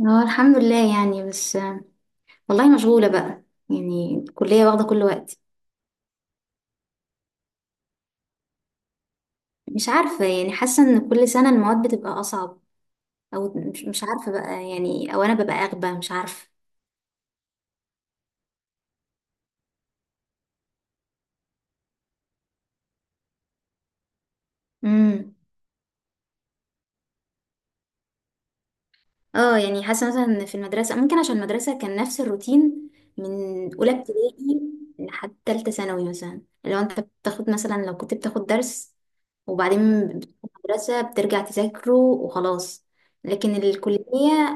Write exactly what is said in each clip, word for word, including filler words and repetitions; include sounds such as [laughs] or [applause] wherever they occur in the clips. اه، الحمد لله يعني. بس آه، والله مشغولة بقى، يعني الكلية واخدة كل وقتي. مش عارفة يعني، حاسة ان كل سنة المواد بتبقى أصعب، أو مش مش عارفة بقى يعني، أو أنا ببقى أغبى، مش عارفة. امم اه يعني حاسة مثلا إن في المدرسة ممكن، عشان المدرسة كان نفس الروتين من أولى ابتدائي لحد تالتة ثانوي. مثلا لو أنت بتاخد، مثلا لو كنت بتاخد درس وبعدين بتروح المدرسة بترجع تذاكره وخلاص. لكن الكلية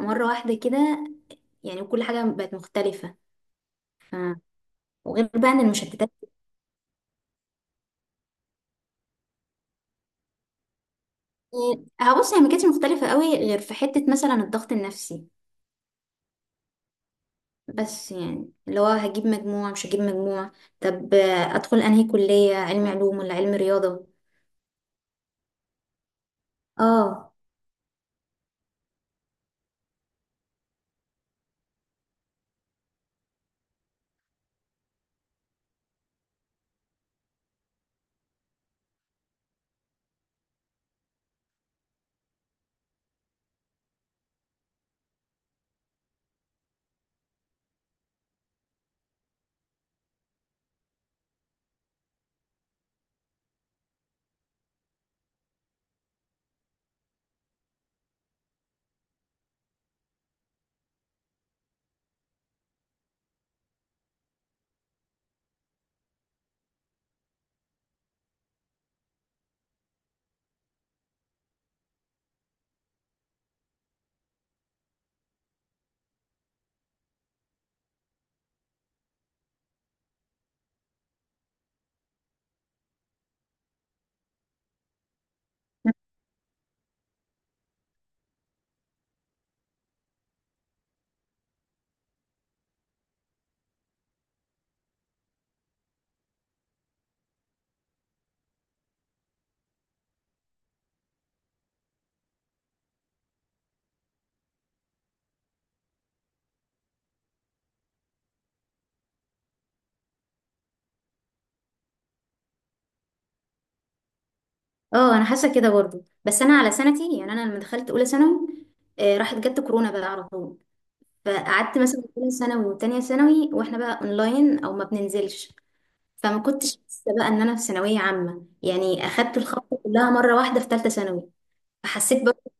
مرة واحدة كده يعني، وكل حاجة بقت مختلفة. ف... وغير بقى ان المشتتات. هبص، هي ما كانتش مختلفة قوي غير في حتة مثلا الضغط النفسي، بس يعني اللي هو هجيب مجموع مش هجيب مجموع. طب آه، ادخل انهي كلية، علم علوم ولا علم رياضة؟ اه. اه، انا حاسة كده برضو. بس انا على سنتي، يعني انا لما دخلت اولى ثانوي آه، راحت جت كورونا بقى على طول. فقعدت مثلا اولى ثانوي وتانية ثانوي واحنا بقى اونلاين او ما بننزلش. فما كنتش حاسه بقى ان انا في ثانويه عامه، يعني اخدت الخطوه كلها مره واحده في ثالثه ثانوي. فحسيت برضه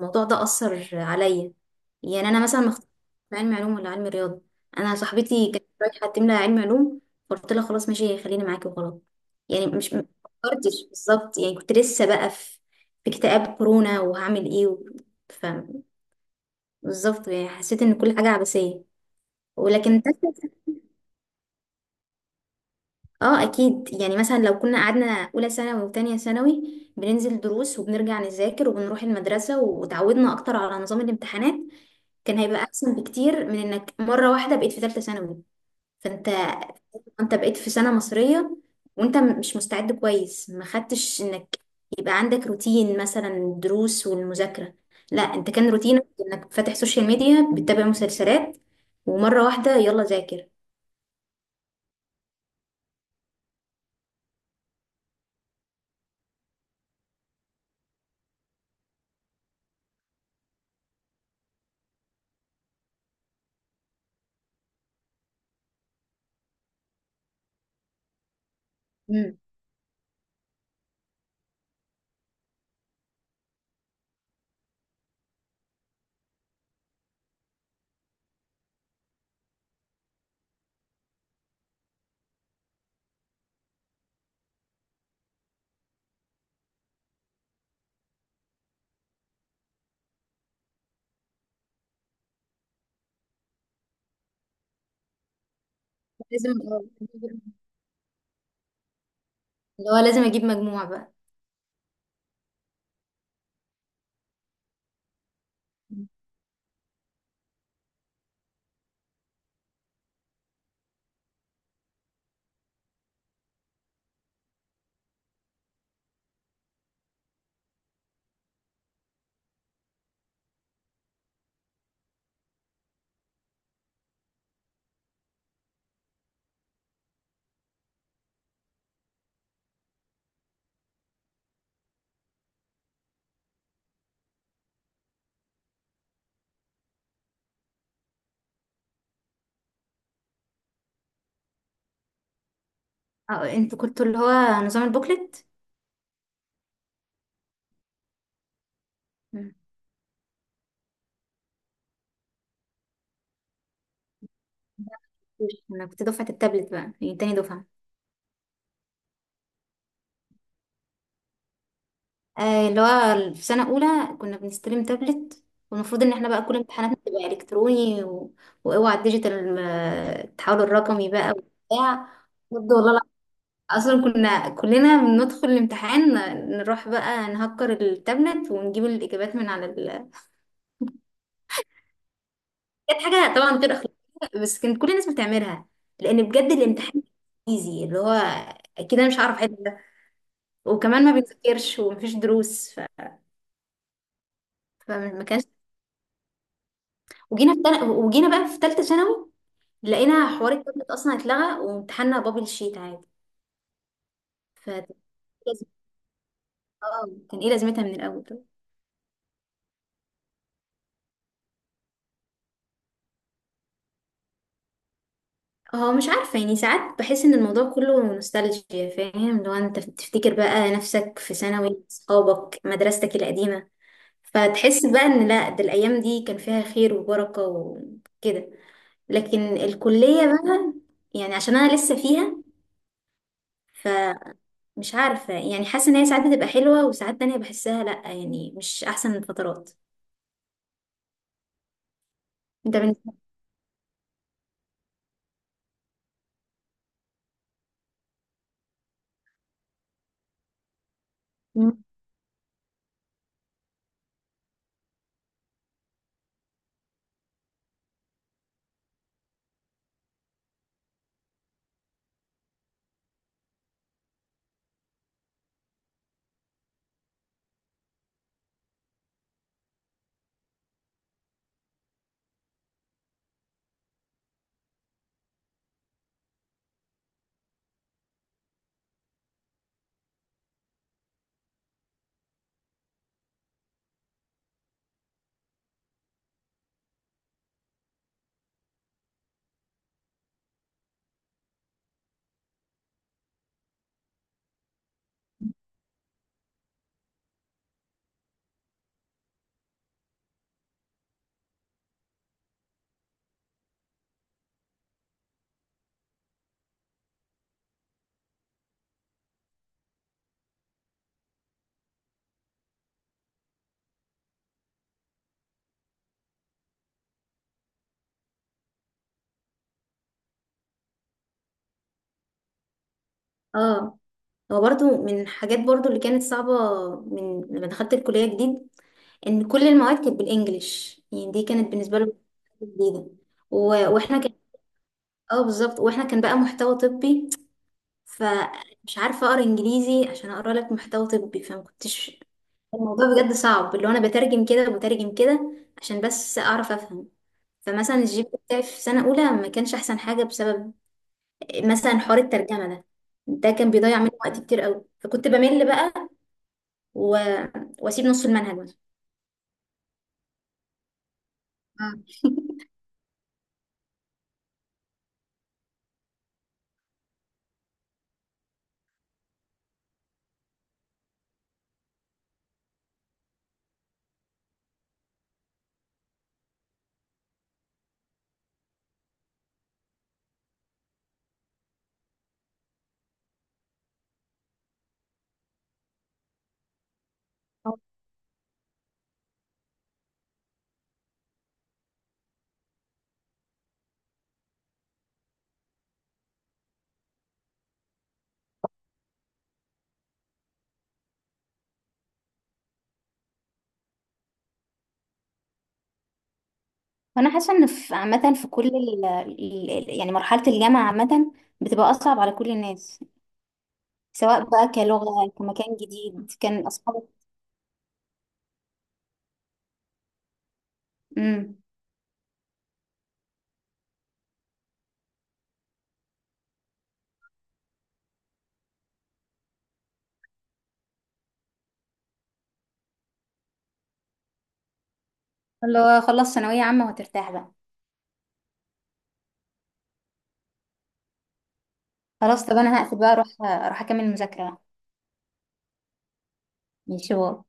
الموضوع ده اثر عليا. يعني انا مثلا ما اخترتش علم علوم ولا علم رياضه، انا صاحبتي كانت رايحه تملى علم علوم فقلت لها خلاص ماشي، خليني معاكي وخلاص. يعني مش ما فكرتش بالظبط، يعني كنت لسه بقى في في اكتئاب كورونا، وهعمل ايه و... فبالظبط يعني حسيت ان كل حاجه عبثيه. ولكن تالتة، اه اكيد يعني مثلا لو كنا قعدنا اولى ثانوي وتانية ثانوي بننزل دروس وبنرجع نذاكر وبنروح المدرسة وتعودنا اكتر على نظام الامتحانات، كان هيبقى احسن بكتير من انك مرة واحدة بقيت في ثالثة ثانوي. فانت، انت بقيت في سنة مصرية وانت م- مش مستعد كويس، ما خدتش انك يبقى عندك روتين مثلا الدروس والمذاكرة. لا، انت كان روتينك انك فاتح سوشيال ميديا بتتابع مسلسلات، ومرة واحدة يلا ذاكر. مم. لازم اه، اللي هو لازم اجيب مجموع بقى. اه، انتوا كنتوا اللي هو نظام البوكلت. مم. مفيش. انا كنت دفعة التابلت بقى، يعني تاني دفعة. آه اللي هو في سنة أولى كنا بنستلم تابلت، والمفروض إن احنا بقى كل امتحاناتنا تبقى إلكتروني و... وأوعى الديجيتال، آه، التحول الرقمي بقى وبتاع. بجد والله لا. أصلا كنا كلنا بندخل الامتحان نروح بقى نهكر التابلت ونجيب الإجابات من على. كانت حاجة طبعا غير أخلاقية، بس كانت كل الناس بتعملها، لأن بجد الامتحان ايزي، اللي هو أكيد أنا مش هعرف أحل ده وكمان ما بنذاكرش ومفيش دروس ف... فما كانش، وجينا في تل... وجينا بقى في تالتة ثانوي لقينا حوار التابلت أصلا اتلغى وامتحاننا بابل شيت عادي. ف اه كان ايه لازمتها من الأول طب. اه مش عارفة يعني، ساعات بحس إن الموضوع كله نوستالجيا، فاهم؟ لو أنت تفتكر بقى نفسك في ثانوي صحابك مدرستك القديمة، فتحس بقى ان لا، ده الايام دي كان فيها خير وبركة وكده. لكن الكلية بقى، يعني عشان انا لسه فيها، فمش عارفة يعني، حاسة ان هي ساعات بتبقى حلوة وساعات تانية بحسها لا، يعني مش احسن الفترات. انت بالنسبة. مم. [laughs] اه، هو برضو من الحاجات برضو اللي كانت صعبة من لما دخلت الكلية جديد، ان كل المواد كانت بالانجلش. يعني دي كانت بالنسبة له جديدة و... واحنا كان، اه بالظبط، واحنا كان بقى محتوى طبي، فمش عارفة أقرأ إنجليزي عشان أقرأ لك محتوى طبي. فما كنتش، الموضوع بجد صعب، اللي هو أنا بترجم كده وبترجم كده عشان بس أعرف أفهم. فمثلا الجي بي بتاعي في سنة أولى ما كانش أحسن حاجة بسبب مثلا حوار الترجمة ده، ده كان بيضيع مني وقت كتير قوي، فكنت بمل بقى و... وأسيب نص المنهج مثلا. مم. انا حاسه ان في عامه، في كل ال ال- ال- يعني مرحله الجامعه عامه بتبقى اصعب على كل الناس، سواء بقى كلغه كمكان جديد كان اصحابك. اللي هو خلص ثانوية عامة وهترتاح بقى. خلاص طب انا هقفل بقى، اروح اروح اكمل مذاكرة بقى. ماشي باي.